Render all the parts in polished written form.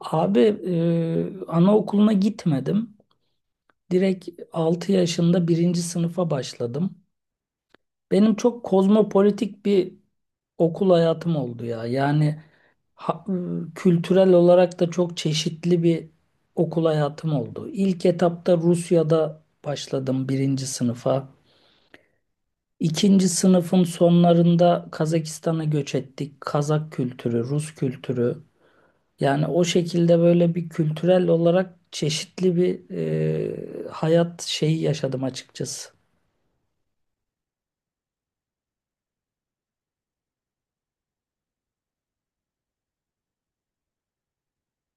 Abi, anaokuluna gitmedim. Direkt 6 yaşında birinci sınıfa başladım. Benim çok kozmopolitik bir okul hayatım oldu ya. Yani ha- e, kültürel olarak da çok çeşitli bir okul hayatım oldu. İlk etapta Rusya'da başladım birinci sınıfa. İkinci sınıfın sonlarında Kazakistan'a göç ettik. Kazak kültürü, Rus kültürü. Yani o şekilde böyle bir kültürel olarak çeşitli bir hayat şeyi yaşadım açıkçası.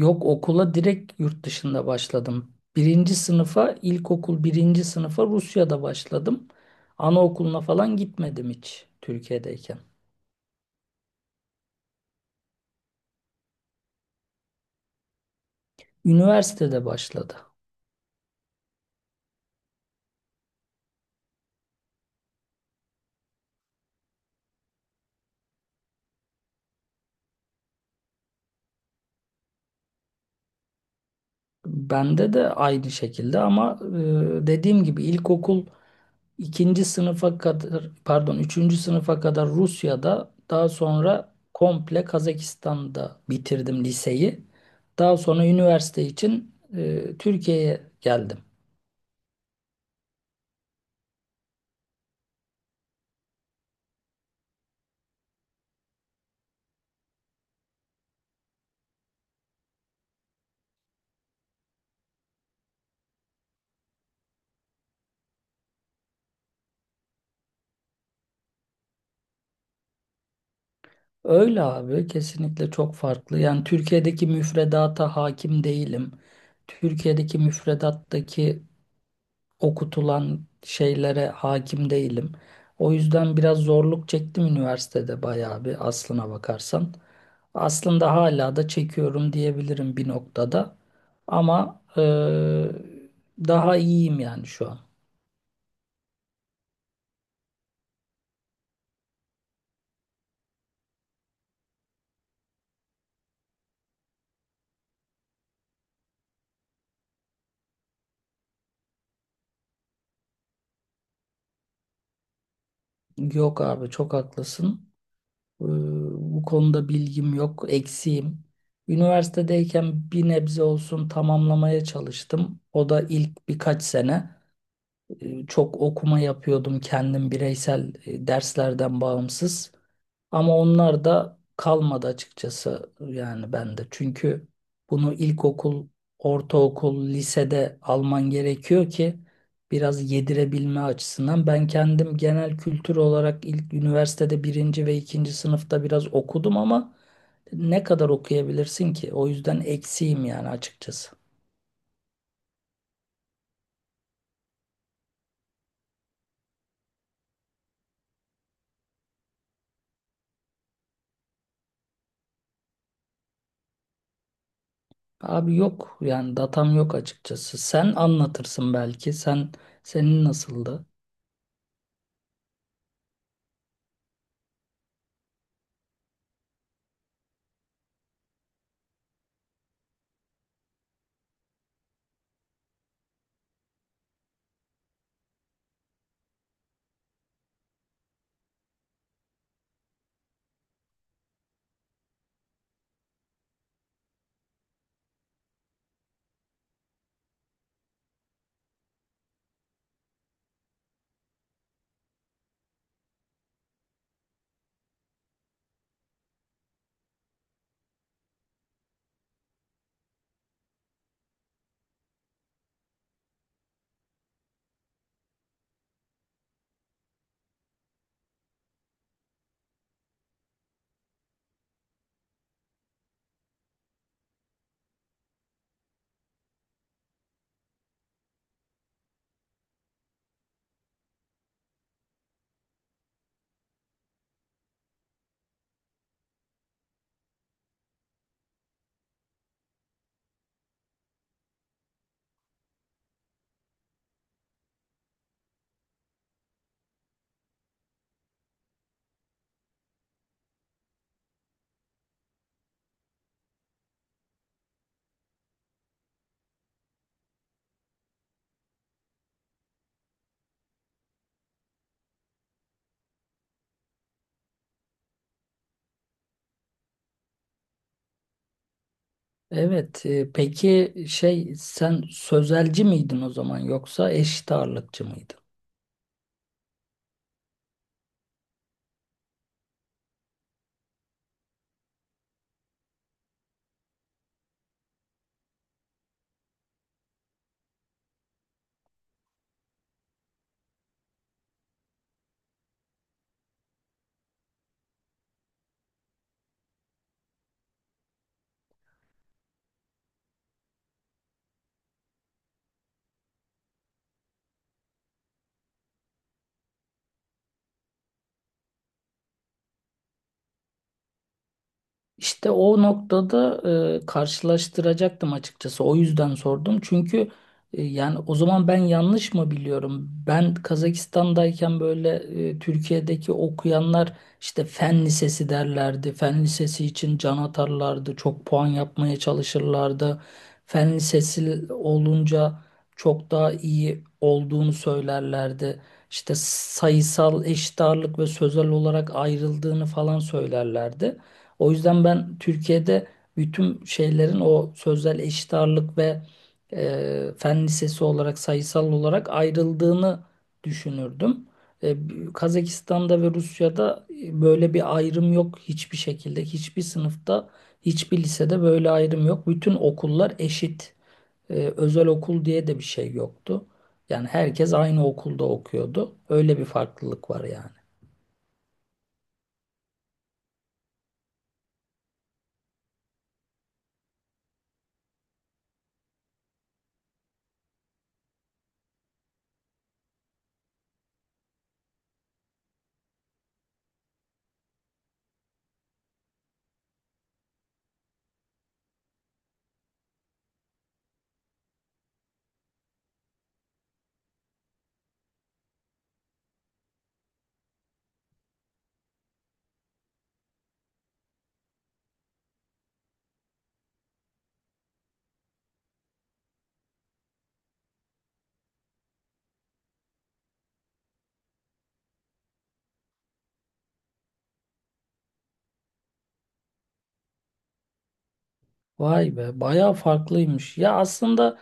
Yok, okula direkt yurt dışında başladım. Birinci sınıfa, ilkokul birinci sınıfa Rusya'da başladım. Anaokuluna falan gitmedim hiç Türkiye'deyken. Üniversitede başladı. Bende de aynı şekilde ama dediğim gibi ilkokul İkinci sınıfa kadar, pardon, üçüncü sınıfa kadar Rusya'da, daha sonra komple Kazakistan'da bitirdim liseyi. Daha sonra üniversite için Türkiye'ye geldim. Öyle abi, kesinlikle çok farklı. Yani Türkiye'deki müfredata hakim değilim. Türkiye'deki müfredattaki okutulan şeylere hakim değilim. O yüzden biraz zorluk çektim üniversitede, bayağı bir aslına bakarsan. Aslında hala da çekiyorum diyebilirim bir noktada. Ama daha iyiyim yani şu an. Yok abi, çok haklısın. Eee, bu konuda bilgim yok, eksiğim. Üniversitedeyken bir nebze olsun tamamlamaya çalıştım. O da ilk birkaç sene. Çok okuma yapıyordum kendim bireysel, derslerden bağımsız. Ama onlar da kalmadı açıkçası yani bende. Çünkü bunu ilkokul, ortaokul, lisede alman gerekiyor ki biraz yedirebilme açısından. Ben kendim genel kültür olarak ilk üniversitede birinci ve ikinci sınıfta biraz okudum ama ne kadar okuyabilirsin ki? O yüzden eksiğim yani açıkçası. Abi yok yani, datam yok açıkçası. Sen anlatırsın belki. Senin nasıldı? Evet. Peki şey, sen sözelci miydin o zaman yoksa eşit ağırlıkçı mıydın? İşte o noktada karşılaştıracaktım açıkçası. O yüzden sordum. Çünkü yani o zaman ben yanlış mı biliyorum? Ben Kazakistan'dayken böyle Türkiye'deki okuyanlar işte fen lisesi derlerdi. Fen lisesi için can atarlardı. Çok puan yapmaya çalışırlardı. Fen lisesi olunca çok daha iyi olduğunu söylerlerdi. İşte sayısal, eşit ağırlık ve sözel olarak ayrıldığını falan söylerlerdi. O yüzden ben Türkiye'de bütün şeylerin o sözel, eşit ağırlık ve fen lisesi olarak sayısal olarak ayrıldığını düşünürdüm. E, Kazakistan'da ve Rusya'da böyle bir ayrım yok hiçbir şekilde. Hiçbir sınıfta, hiçbir lisede böyle ayrım yok. Bütün okullar eşit. Özel okul diye de bir şey yoktu. Yani herkes aynı okulda okuyordu. Öyle bir farklılık var yani. Vay be, bayağı farklıymış. Ya aslında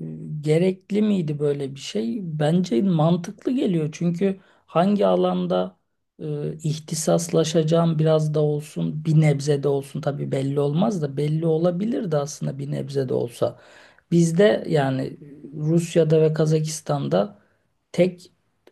e, gerekli miydi böyle bir şey? Bence mantıklı geliyor. Çünkü hangi alanda ihtisaslaşacağım biraz da olsun, bir nebze de olsun, tabii belli olmaz da belli olabilirdi aslında bir nebze de olsa. Bizde yani Rusya'da ve Kazakistan'da tek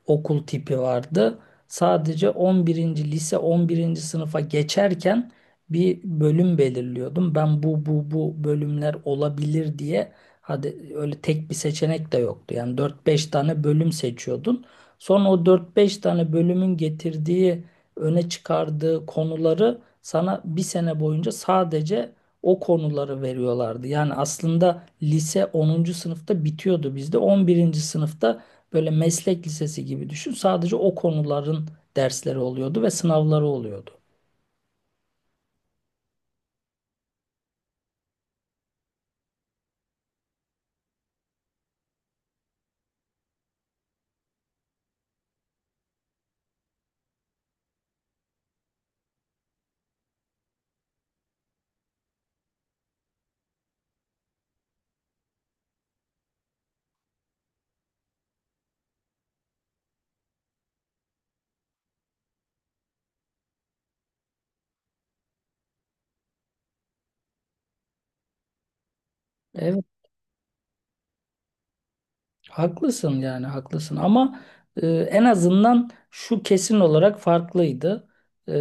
okul tipi vardı. Sadece 11. lise 11. sınıfa geçerken bir bölüm belirliyordum. Ben bu bölümler olabilir diye, hadi öyle tek bir seçenek de yoktu. Yani dört beş tane bölüm seçiyordun. Sonra o dört beş tane bölümün getirdiği, öne çıkardığı konuları sana bir sene boyunca sadece o konuları veriyorlardı. Yani aslında lise 10. sınıfta bitiyordu bizde. 11. sınıfta böyle meslek lisesi gibi düşün. Sadece o konuların dersleri oluyordu ve sınavları oluyordu. Haklısın yani, haklısın ama en azından şu kesin olarak farklıydı. E,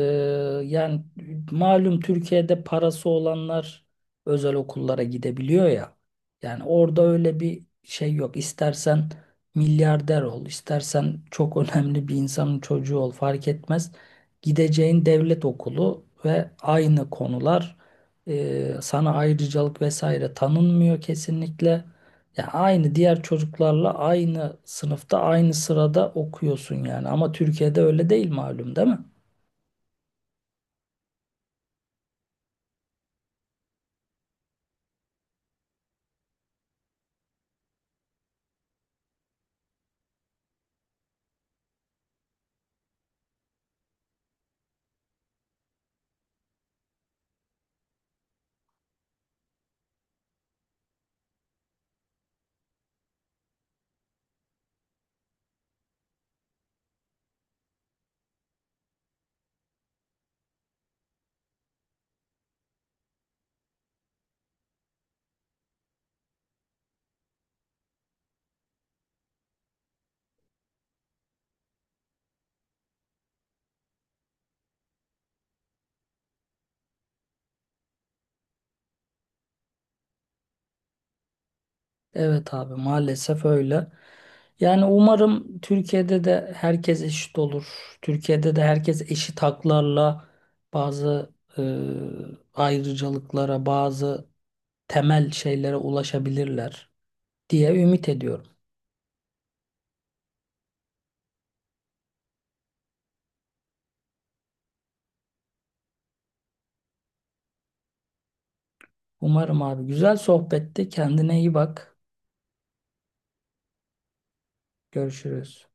yani malum, Türkiye'de parası olanlar özel okullara gidebiliyor ya. Yani orada öyle bir şey yok. İstersen milyarder ol, istersen çok önemli bir insanın çocuğu ol, fark etmez. Gideceğin devlet okulu ve aynı konular, sana ayrıcalık vesaire tanınmıyor kesinlikle. Ya aynı, diğer çocuklarla aynı sınıfta aynı sırada okuyorsun yani, ama Türkiye'de öyle değil malum, değil mi? Evet abi, maalesef öyle. Yani umarım Türkiye'de de herkes eşit olur. Türkiye'de de herkes eşit haklarla bazı e, ayrıcalıklara, bazı temel şeylere ulaşabilirler diye ümit ediyorum. Umarım abi, güzel sohbetti. Kendine iyi bak. Görüşürüz.